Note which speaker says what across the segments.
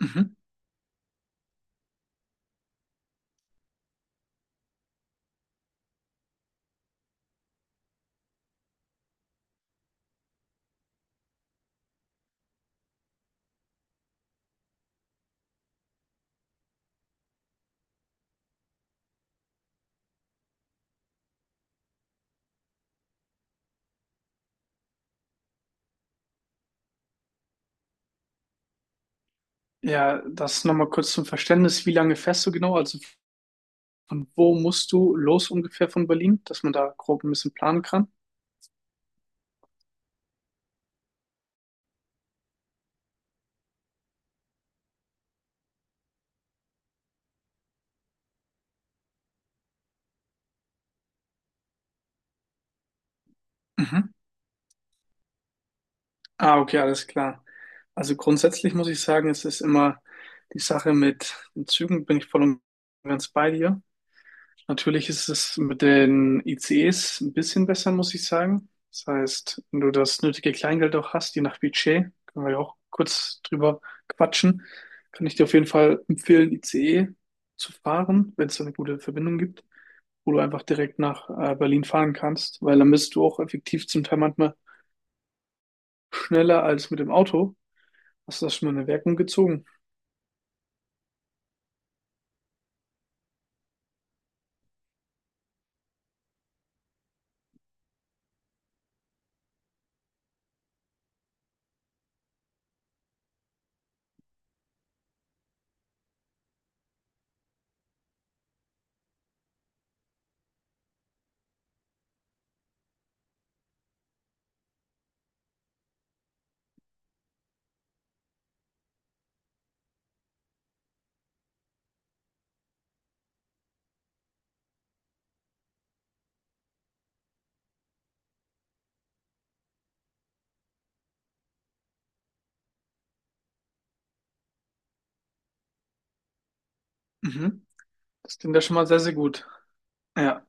Speaker 1: Mhm. Ja, das nochmal kurz zum Verständnis. Wie lange fährst du genau? Also von wo musst du los ungefähr von Berlin, dass man da grob ein bisschen planen kann? Mhm. Ah, okay, alles klar. Also grundsätzlich muss ich sagen, es ist immer die Sache mit den Zügen, bin ich voll und ganz bei dir. Natürlich ist es mit den ICEs ein bisschen besser, muss ich sagen. Das heißt, wenn du das nötige Kleingeld auch hast, je nach Budget, können wir ja auch kurz drüber quatschen, kann ich dir auf jeden Fall empfehlen, ICE zu fahren, wenn es da eine gute Verbindung gibt, wo du einfach direkt nach Berlin fahren kannst, weil dann bist du auch effektiv zum Teil manchmal schneller als mit dem Auto. Hast du das schon mal in Erwägung gezogen? Mhm. Das klingt ja schon mal sehr, sehr gut. Ja,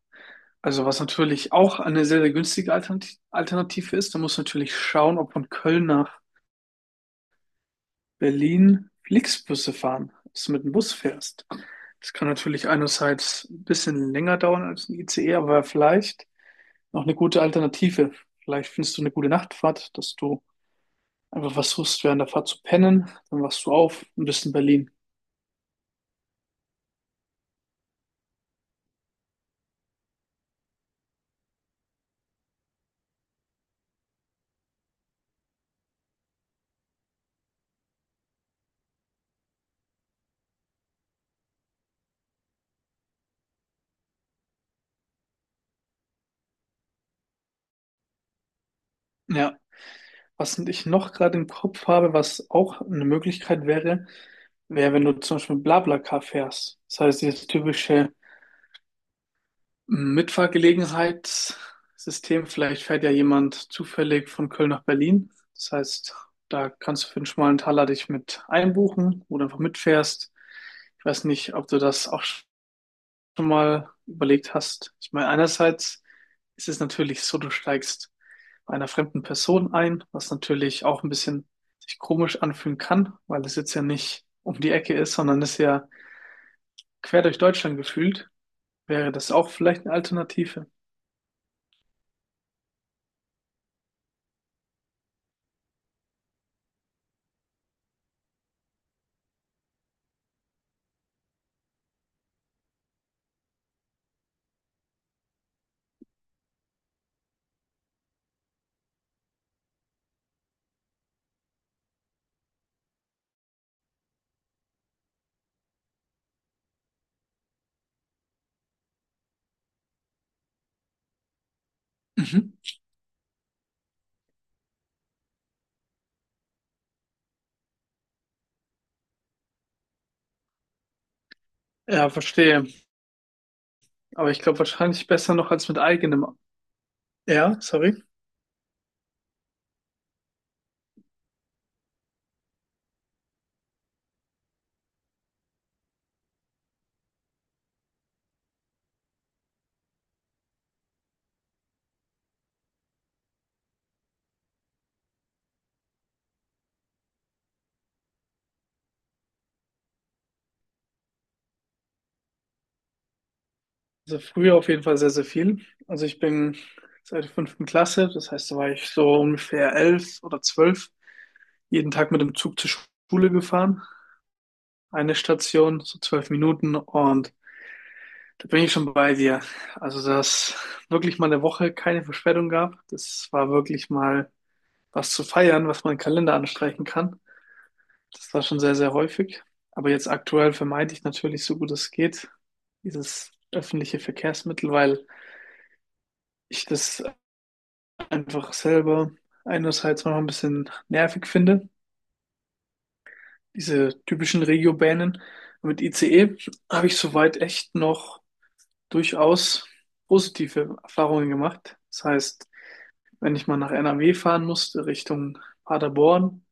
Speaker 1: also was natürlich auch eine sehr, sehr günstige Alternative ist, da muss natürlich schauen, ob von Köln nach Berlin Flixbusse fahren, dass du mit dem Bus fährst. Das kann natürlich einerseits ein bisschen länger dauern als ein ICE, aber vielleicht noch eine gute Alternative. Vielleicht findest du eine gute Nachtfahrt, dass du einfach versuchst, während der Fahrt zu pennen, dann wachst du auf und bist in Berlin. Ja. Was ich noch gerade im Kopf habe, was auch eine Möglichkeit wäre, wäre, wenn du zum Beispiel mit BlaBlaCar fährst. Das heißt, dieses typische Mitfahrgelegenheitssystem, vielleicht fährt ja jemand zufällig von Köln nach Berlin. Das heißt, da kannst du für einen schmalen Taler dich mit einbuchen oder einfach mitfährst. Ich weiß nicht, ob du das auch schon mal überlegt hast. Ich meine, einerseits ist es natürlich so, du steigst bei einer fremden Person ein, was natürlich auch ein bisschen sich komisch anfühlen kann, weil es jetzt ja nicht um die Ecke ist, sondern es ist ja quer durch Deutschland gefühlt. Wäre das auch vielleicht eine Alternative? Mhm. Ja, verstehe. Aber ich glaube wahrscheinlich besser noch als mit eigenem. Ja, sorry. Also früher auf jeden Fall sehr, sehr viel. Also ich bin seit der fünften Klasse, das heißt, da war ich so ungefähr elf oder zwölf, jeden Tag mit dem Zug zur Schule gefahren. Eine Station, so zwölf Minuten, und da bin ich schon bei dir. Also, dass wirklich mal eine Woche keine Verspätung gab, das war wirklich mal was zu feiern, was man im Kalender anstreichen kann. Das war schon sehr, sehr häufig. Aber jetzt aktuell vermeide ich natürlich so gut es geht dieses öffentliche Verkehrsmittel, weil ich das einfach selber einerseits noch ein bisschen nervig finde. Diese typischen Regiobahnen mit ICE habe ich soweit echt noch durchaus positive Erfahrungen gemacht. Das heißt, wenn ich mal nach NRW fahren musste, Richtung Paderborn,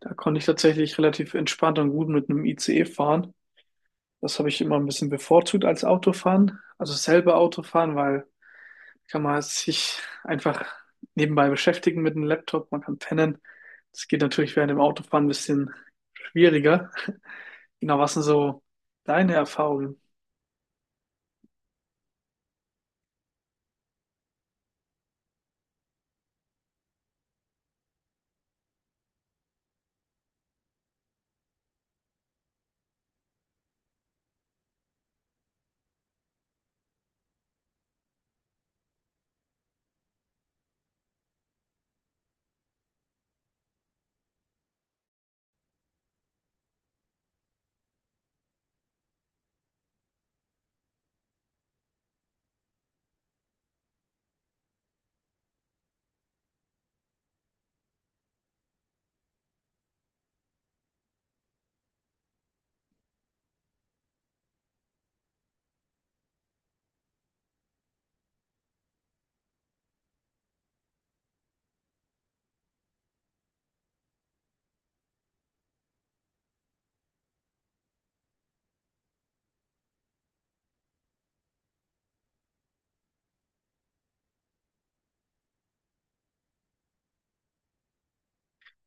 Speaker 1: da konnte ich tatsächlich relativ entspannt und gut mit einem ICE fahren. Das habe ich immer ein bisschen bevorzugt als Autofahren. Also selber Autofahren, weil kann man sich einfach nebenbei beschäftigen mit dem Laptop, man kann pennen. Das geht natürlich während dem Autofahren ein bisschen schwieriger. Genau, was sind so deine Erfahrungen?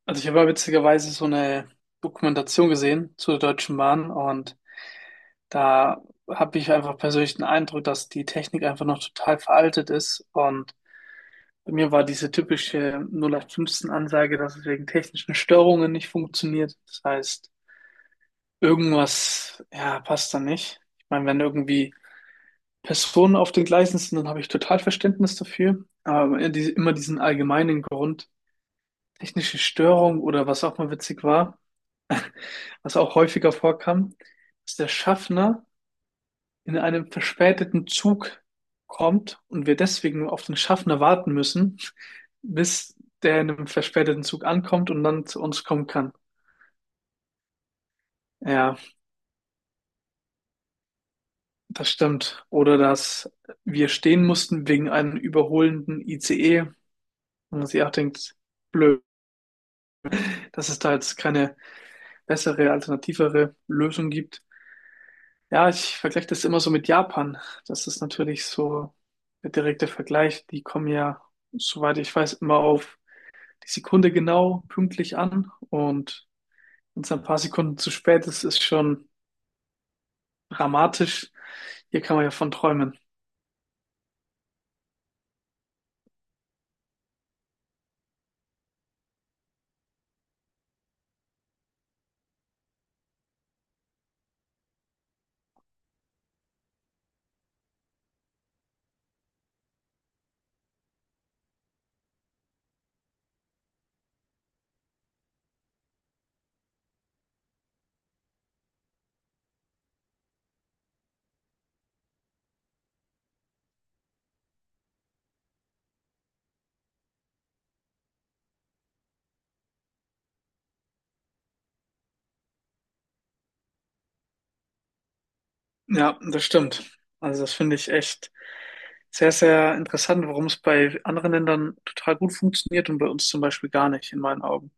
Speaker 1: Also ich habe ja witzigerweise so eine Dokumentation gesehen zur Deutschen Bahn, und da habe ich einfach persönlich den Eindruck, dass die Technik einfach noch total veraltet ist. Und bei mir war diese typische 0815-Ansage, dass es wegen technischen Störungen nicht funktioniert. Das heißt, irgendwas, ja, passt da nicht. Ich meine, wenn irgendwie Personen auf den Gleisen sind, dann habe ich total Verständnis dafür. Aber immer diesen allgemeinen Grund, technische Störung, oder was auch mal witzig war, was auch häufiger vorkam, dass der Schaffner in einem verspäteten Zug kommt und wir deswegen nur auf den Schaffner warten müssen, bis der in einem verspäteten Zug ankommt und dann zu uns kommen kann. Ja, das stimmt. Oder dass wir stehen mussten wegen einem überholenden ICE. Und man sich auch denkt, blöd, dass es da jetzt keine bessere, alternativere Lösung gibt. Ja, ich vergleiche das immer so mit Japan. Das ist natürlich so der direkte Vergleich. Die kommen ja, soweit ich weiß, immer auf die Sekunde genau pünktlich an, und wenn es ein paar Sekunden zu spät ist, ist schon dramatisch. Hier kann man ja von träumen. Ja, das stimmt. Also das finde ich echt sehr, sehr interessant, warum es bei anderen Ländern total gut funktioniert und bei uns zum Beispiel gar nicht, in meinen Augen.